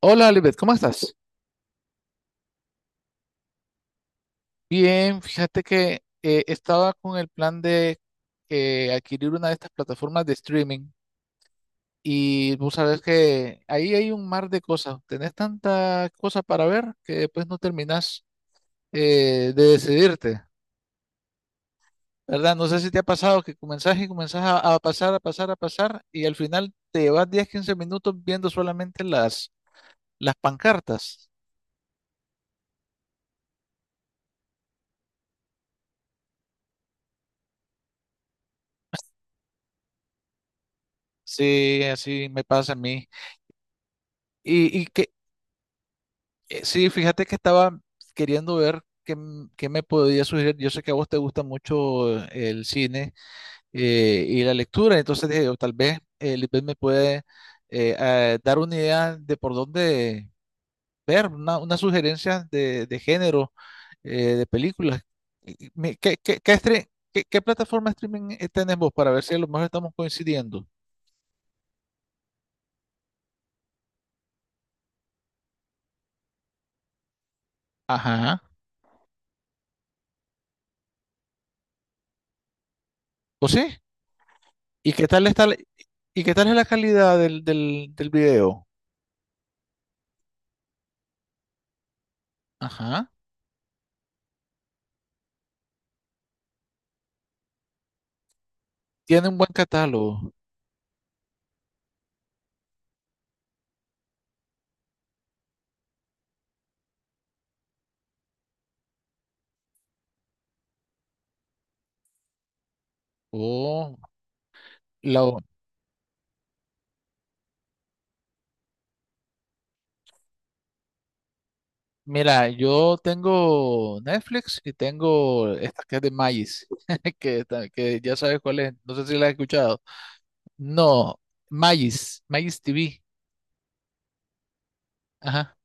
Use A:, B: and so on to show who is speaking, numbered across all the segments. A: Hola, Lisbeth, ¿cómo estás? Bien, fíjate que estaba con el plan de adquirir una de estas plataformas de streaming y vos sabés que ahí hay un mar de cosas. Tenés tanta cosa para ver que después no terminás de decidirte, ¿verdad? No sé si te ha pasado que comenzás y comenzás a pasar, a pasar, a pasar y al final te llevas 10, 15 minutos viendo solamente las pancartas. Sí, así me pasa a mí. ¿Y qué? Sí, fíjate que estaba queriendo ver qué, qué me podía sugerir. Yo sé que a vos te gusta mucho el cine y la lectura, entonces dije, o tal vez Lisbeth me puede dar una idea de por dónde ver, una sugerencia de género, de películas. Y- y me- ¿Qué, qué, qué, estre- qué plataforma streaming tenés vos para ver si a lo mejor estamos coincidiendo? Ajá. ¿O sí? ¿Y qué tal está, y qué tal es la calidad del video? Ajá. Tiene un buen catálogo. Oh, la- mira, yo tengo Netflix y tengo esta que es de Magis, que, que ya sabes cuál es. No sé si la has escuchado. No, Magis TV. Ajá.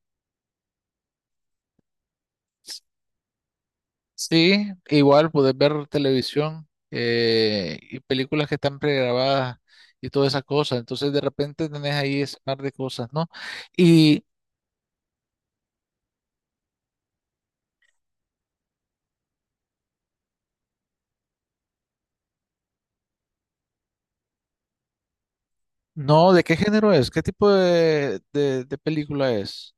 A: Sí, igual puedes ver televisión y películas que están pregrabadas y todas esas cosas. Entonces, de repente tenés ahí ese par de cosas, ¿no? Y no, ¿de qué género es? ¿Qué tipo de película es?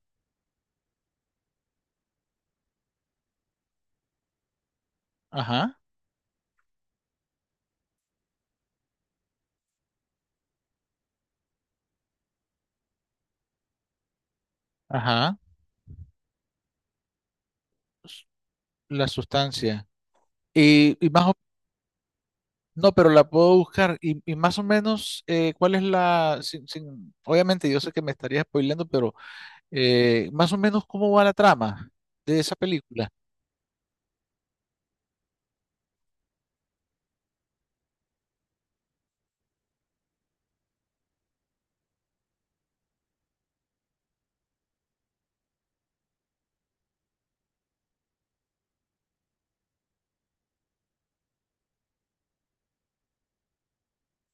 A: Ajá, ajá. La sustancia. Y más o- no, pero la puedo buscar. Y más o menos, ¿cuál es la obviamente yo sé que me estaría spoileando, pero más o menos cómo va la trama de esa película?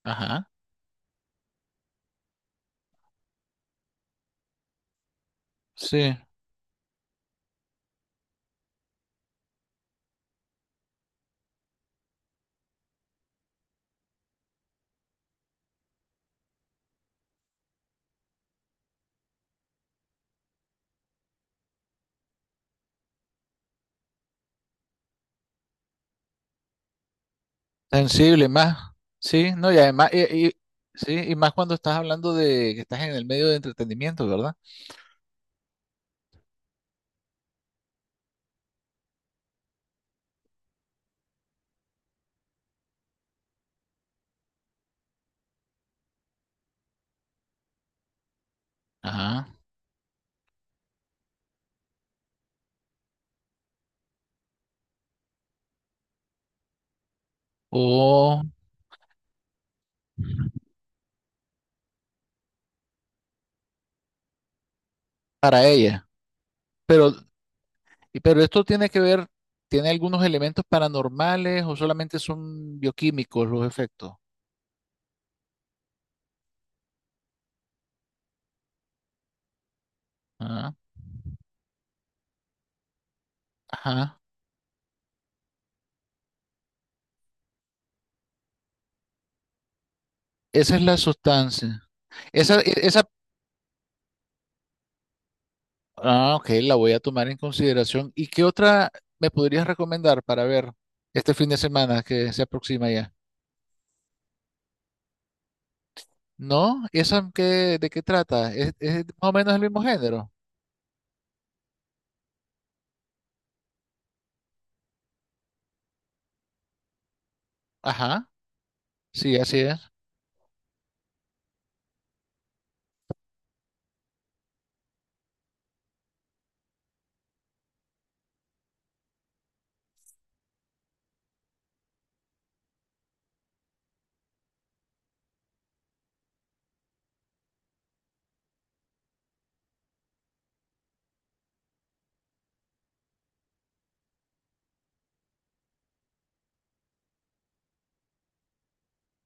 A: Ajá, sí. Sensible más. Sí, no, y además, sí, y más cuando estás hablando de que estás en el medio de entretenimiento, ¿verdad? Ajá. O para ella. Pero pero esto tiene que ver, tiene algunos elementos paranormales o solamente son bioquímicos los efectos. Ah, ajá. Esa es la sustancia. Esa, e- esa, ah, ok, la voy a tomar en consideración. ¿Y qué otra me podrías recomendar para ver este fin de semana que se aproxima ya? ¿No? ¿Esa qué, de qué trata? ¿Es más o menos el mismo género? Ajá, sí, así es.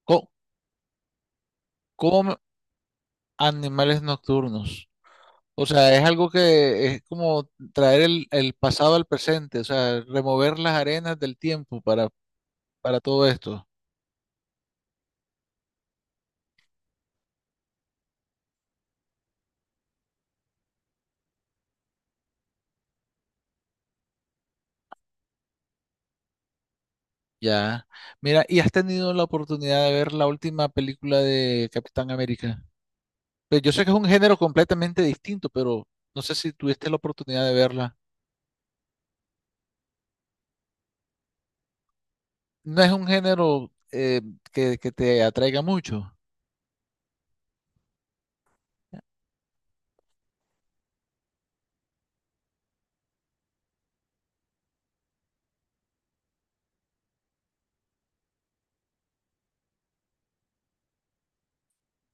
A: Co- ¿Cómo, animales nocturnos? O sea, es algo que es como traer el pasado al presente, o sea, remover las arenas del tiempo para todo esto. Ya. Mira, ¿y has tenido la oportunidad de ver la última película de Capitán América? Pues yo sé que es un género completamente distinto, pero no sé si tuviste la oportunidad de verla. No es un género que te atraiga mucho.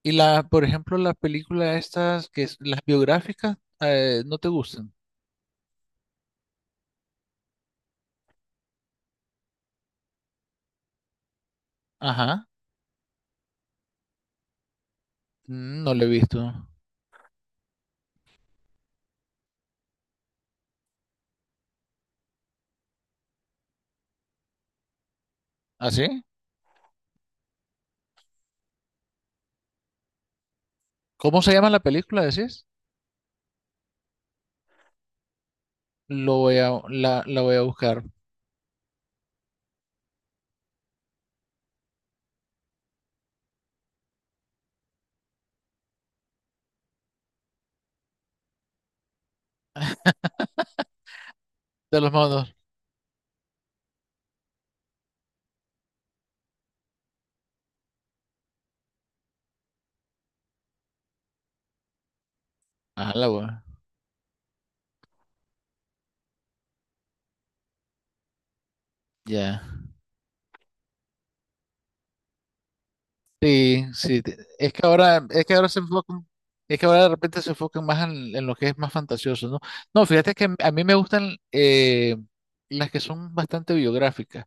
A: Y la, por ejemplo, las películas estas, las biográficas, no te gustan. Ajá. Mm. No lo he visto. ¿Así? ¿Cómo se llama la película, decís? Lo voy a, la voy a buscar. De los monos. Ah, la voy. Ya. Sí, sí. Es que ahora de repente se enfocan más en lo que es más fantasioso, ¿no? No, fíjate que a mí me gustan las que son bastante biográficas.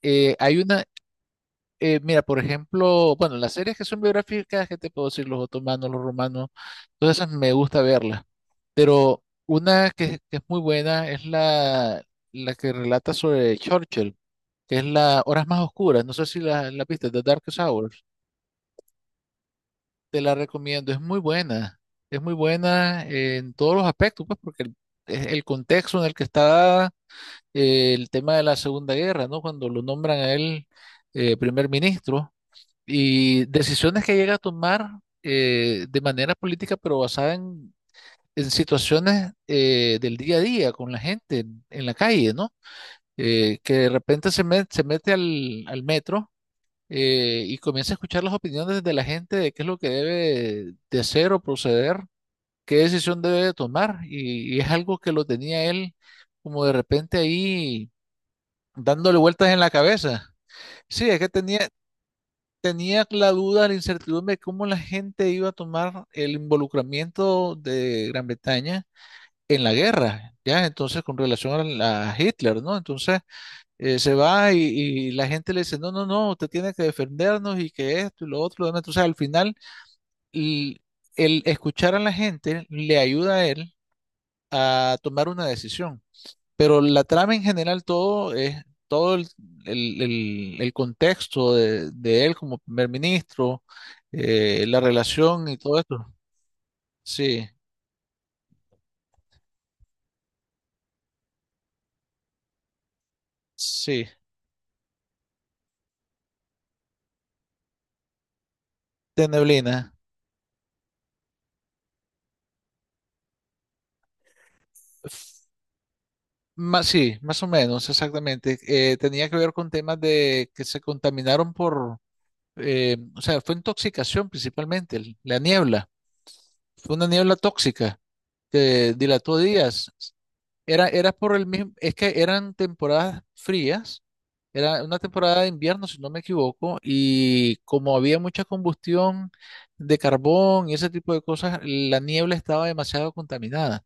A: Eh, hay una, mira, por ejemplo, bueno, las series que son biográficas, ¿qué te puedo decir? Los otomanos, los romanos, todas esas me gusta verlas. Pero una que es muy buena es la que relata sobre Churchill, que es la Horas Más Oscuras. No sé si la viste, The Darkest Hours. Te la recomiendo, es muy buena. Es muy buena en todos los aspectos, pues, porque es el contexto en el que está dada, el tema de la Segunda Guerra, ¿no? Cuando lo nombran a él primer ministro y decisiones que llega a tomar de manera política, pero basada en situaciones del día a día con la gente en la calle, ¿no? Que de repente se mete al metro y comienza a escuchar las opiniones de la gente de qué es lo que debe de hacer o proceder, qué decisión debe de tomar. Y es algo que lo tenía él como de repente ahí dándole vueltas en la cabeza. Sí, es que tenía la duda, la incertidumbre de cómo la gente iba a tomar el involucramiento de Gran Bretaña en la guerra, ¿ya? Entonces, con relación a Hitler, ¿no? Entonces, se va y la gente le dice, no, no, no, usted tiene que defendernos y que esto y lo otro, lo demás. Entonces, al final, l- el escuchar a la gente le ayuda a él a tomar una decisión. Pero la trama en general, todo es, todo el contexto de él como primer ministro, la relación y todo esto. Sí, sí, de neblina. Más, sí, más o menos, exactamente. Tenía que ver con temas de que se contaminaron o sea, fue intoxicación principalmente, la niebla. Fue una niebla tóxica que dilató días. Era por el mismo, es que eran temporadas frías, era una temporada de invierno, si no me equivoco, y como había mucha combustión de carbón y ese tipo de cosas, la niebla estaba demasiado contaminada.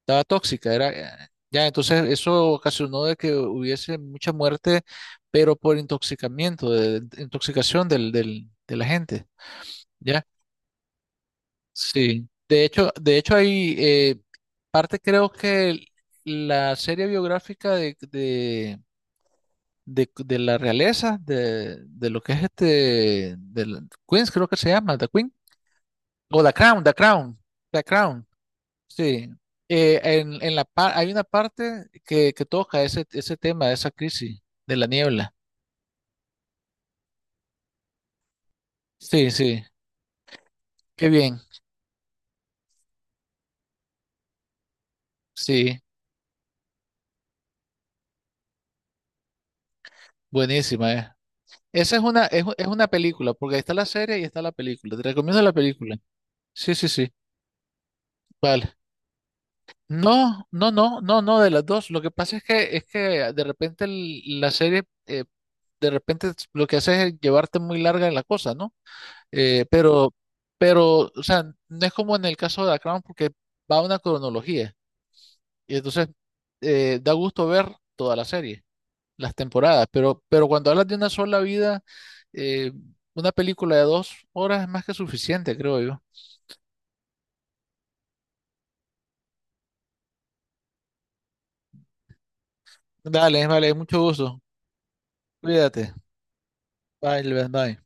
A: Estaba tóxica, era ya, entonces eso ocasionó de que hubiese mucha muerte, pero por intoxicamiento, de intoxicación de la gente, ¿ya? Sí. De hecho, hay parte creo que la serie biográfica de la realeza, de lo que es este, de Queens creo que se llama, The Queen, o The Crown, The Crown, The Crown. Sí, en hay una parte que toca ese tema, esa crisis de la niebla. Sí, sí, qué bien, sí, buenísima. Esa es una película, porque ahí está la serie y está la película. Te recomiendo la película. Sí, sí, sí, vale. No, no, no, no, no, de las dos. Lo que pasa es que, de repente la serie, de repente lo que hace es llevarte muy larga en la cosa, ¿no? Eh, pero, pero, o sea, no es como en el caso de The Crown porque va a una cronología. Y entonces da gusto ver toda la serie, las temporadas. Pero cuando hablas de una sola vida, eh, una película de 2 horas es más que suficiente, creo yo. Dale, vale, mucho gusto. Cuídate. Bye, Levan, bye.